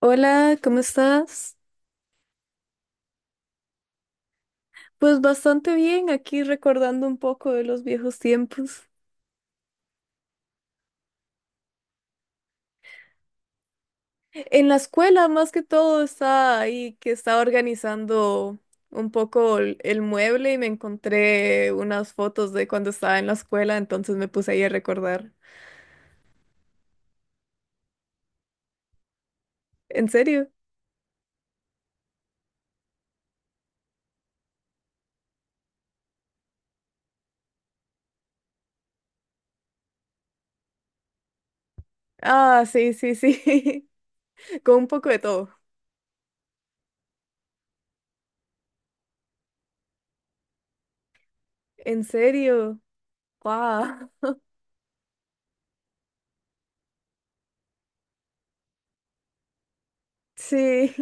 Hola, ¿cómo estás? Pues bastante bien, aquí recordando un poco de los viejos tiempos. En la escuela, más que todo, estaba ahí que estaba organizando un poco el mueble y me encontré unas fotos de cuando estaba en la escuela, entonces me puse ahí a recordar. ¿En serio? Ah, sí, sí, sí. Con un poco de todo. ¿En serio? ¡Wow! Sí.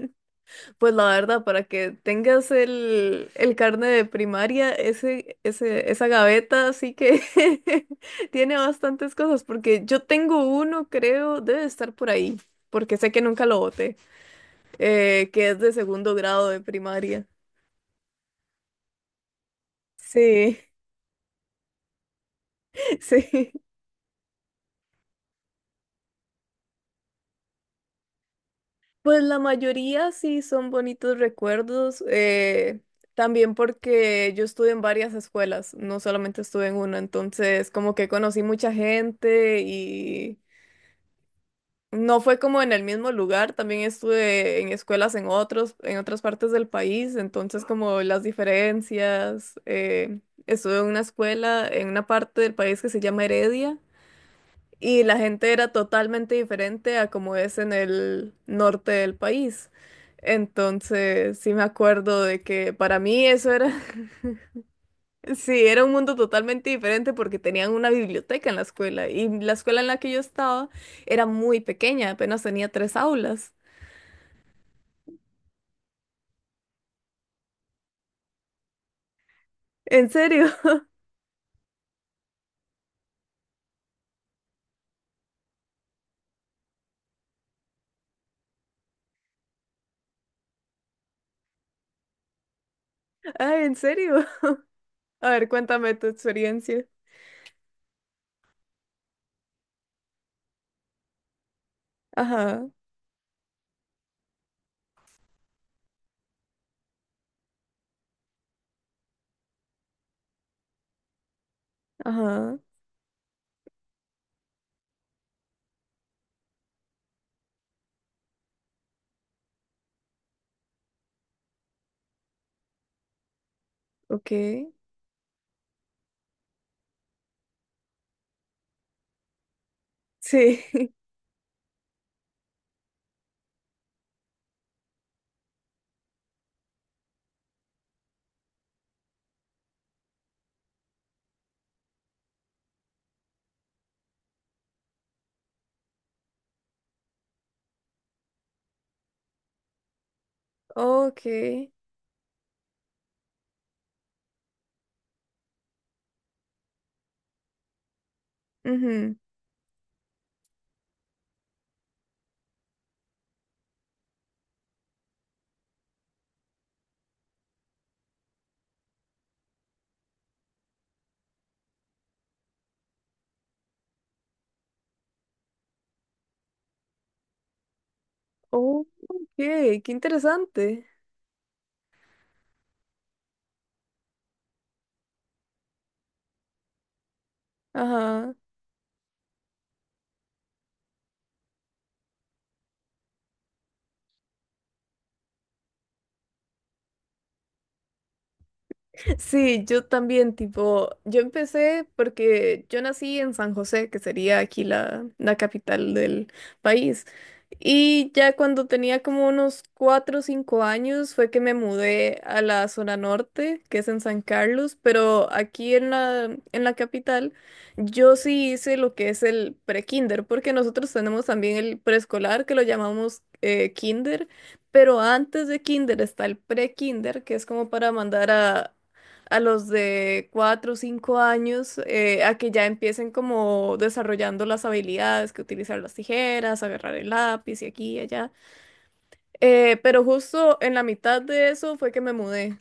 Pues la verdad, para que tengas el carne de primaria, esa gaveta sí que tiene bastantes cosas, porque yo tengo uno, creo, debe estar por ahí, porque sé que nunca lo boté, que es de segundo grado de primaria. Sí, sí. Pues la mayoría sí son bonitos recuerdos, también porque yo estuve en varias escuelas, no solamente estuve en una, entonces como que conocí mucha gente y... No fue como en el mismo lugar, también estuve en escuelas en otras partes del país, entonces como las diferencias, estuve en una escuela en una parte del país que se llama Heredia y la gente era totalmente diferente a como es en el norte del país. Entonces, sí me acuerdo de que para mí eso era, sí, era un mundo totalmente diferente porque tenían una biblioteca en la escuela y la escuela en la que yo estaba era muy pequeña, apenas tenía tres aulas. ¿En serio? Ah, ¿en serio? A ver, cuéntame tu experiencia. Ajá, ajá, ok. Sí, ok. Ujú. Oh, ok, qué interesante. Ajá. Sí, yo también, tipo, yo empecé porque yo nací en San José, que sería aquí la capital del país. Y ya cuando tenía como unos 4 o 5 años fue que me mudé a la zona norte, que es en San Carlos, pero aquí en la capital yo sí hice lo que es el pre-kinder, porque nosotros tenemos también el preescolar, que lo llamamos kinder. Pero antes de kinder está el pre-kinder, que es como para mandar a los de 4 o 5 años a que ya empiecen como desarrollando las habilidades, que utilizar las tijeras, agarrar el lápiz y aquí y allá. Pero justo en la mitad de eso fue que me mudé.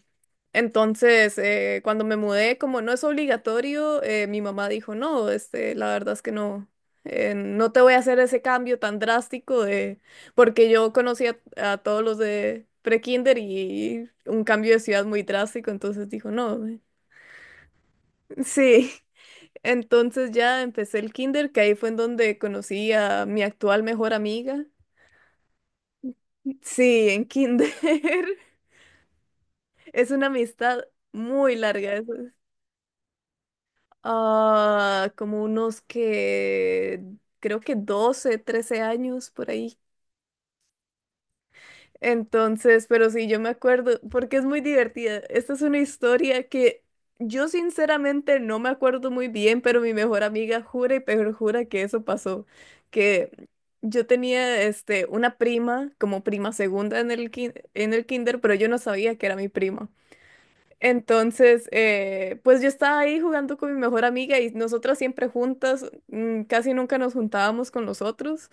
Entonces, cuando me mudé, como no es obligatorio, mi mamá dijo, no, la verdad es que no. No te voy a hacer ese cambio tan drástico de, porque yo conocía a todos los de pre-kinder y un cambio de ciudad muy drástico, entonces dijo, no, sí, entonces ya empecé el kinder, que ahí fue en donde conocí a mi actual mejor amiga. Sí, en kinder. Es una amistad muy larga. Ah, como unos que creo que 12, 13 años por ahí. Entonces, pero sí, yo me acuerdo, porque es muy divertida. Esta es una historia que yo sinceramente no me acuerdo muy bien, pero mi mejor amiga jura y perjura que eso pasó, que yo tenía una prima como prima segunda en el kinder, pero yo no sabía que era mi prima. Entonces, pues yo estaba ahí jugando con mi mejor amiga y nosotras siempre juntas, casi nunca nos juntábamos con los otros.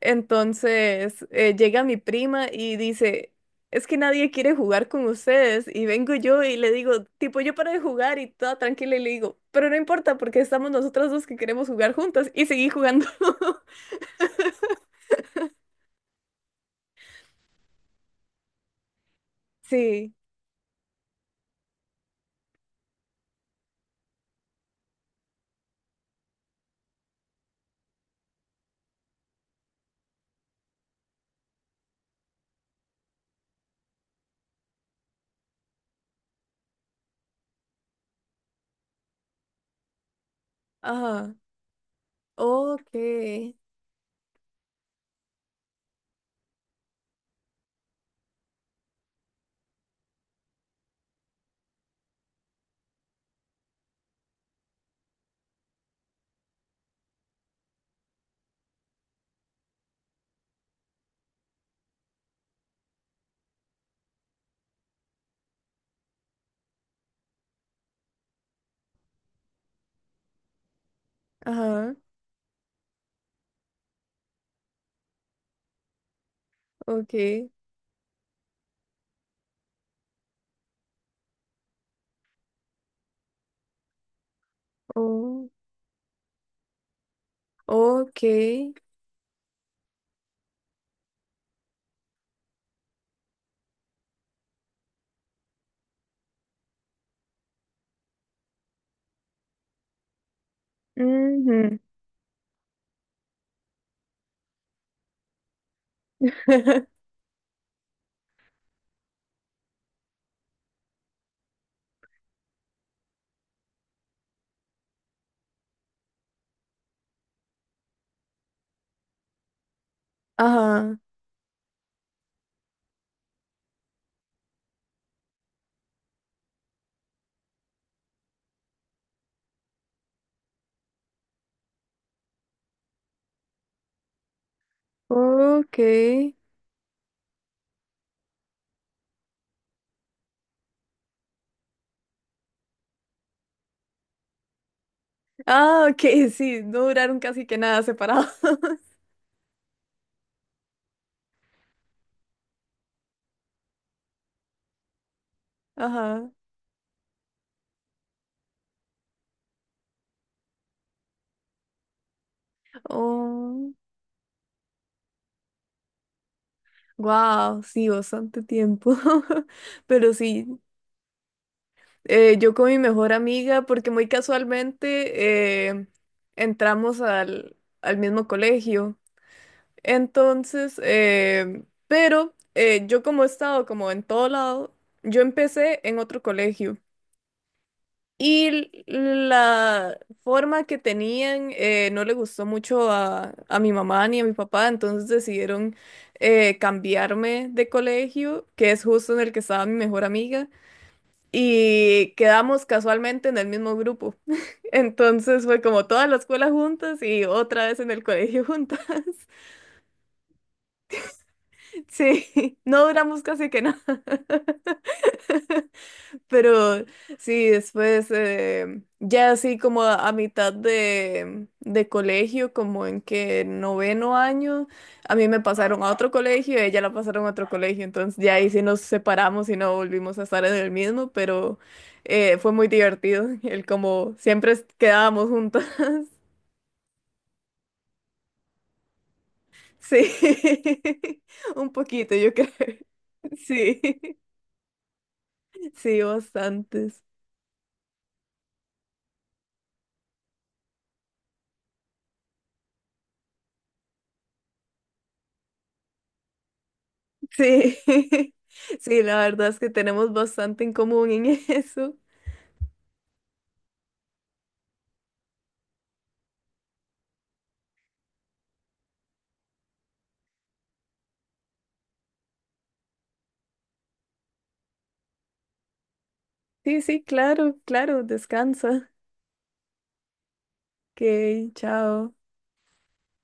Entonces, llega mi prima y dice, es que nadie quiere jugar con ustedes. Y vengo yo y le digo, tipo, yo para de jugar y toda tranquila y le digo, pero no importa porque estamos nosotras dos que queremos jugar juntas y seguí jugando. Sí, ajá, ok, ajá, ok, oh, ok. Ujú. Ajá. Ok. Ah, ok, sí, no duraron casi que nada separados. Ajá. Oh, wow, sí, bastante tiempo. Pero sí, yo con mi mejor amiga, porque muy casualmente entramos al mismo colegio. Entonces, pero yo como he estado como en todo lado, yo empecé en otro colegio. Y la forma que tenían no le gustó mucho a mi mamá ni a mi papá, entonces decidieron cambiarme de colegio, que es justo en el que estaba mi mejor amiga, y quedamos casualmente en el mismo grupo. Entonces fue como toda la escuela juntas y otra vez en el colegio juntas. Sí, no duramos casi que nada. Pero sí, después, ya así como a mitad de colegio, como en que noveno año, a mí me pasaron a otro colegio, y a ella la pasaron a otro colegio, entonces ya ahí sí nos separamos y no volvimos a estar en el mismo, pero fue muy divertido, el como siempre quedábamos juntas. Sí, un poquito, yo creo. Sí, sí, bastante. Sí, sí, la verdad es que tenemos bastante en común en eso. Sí, sí, claro, claro, descansa. Ok, chao.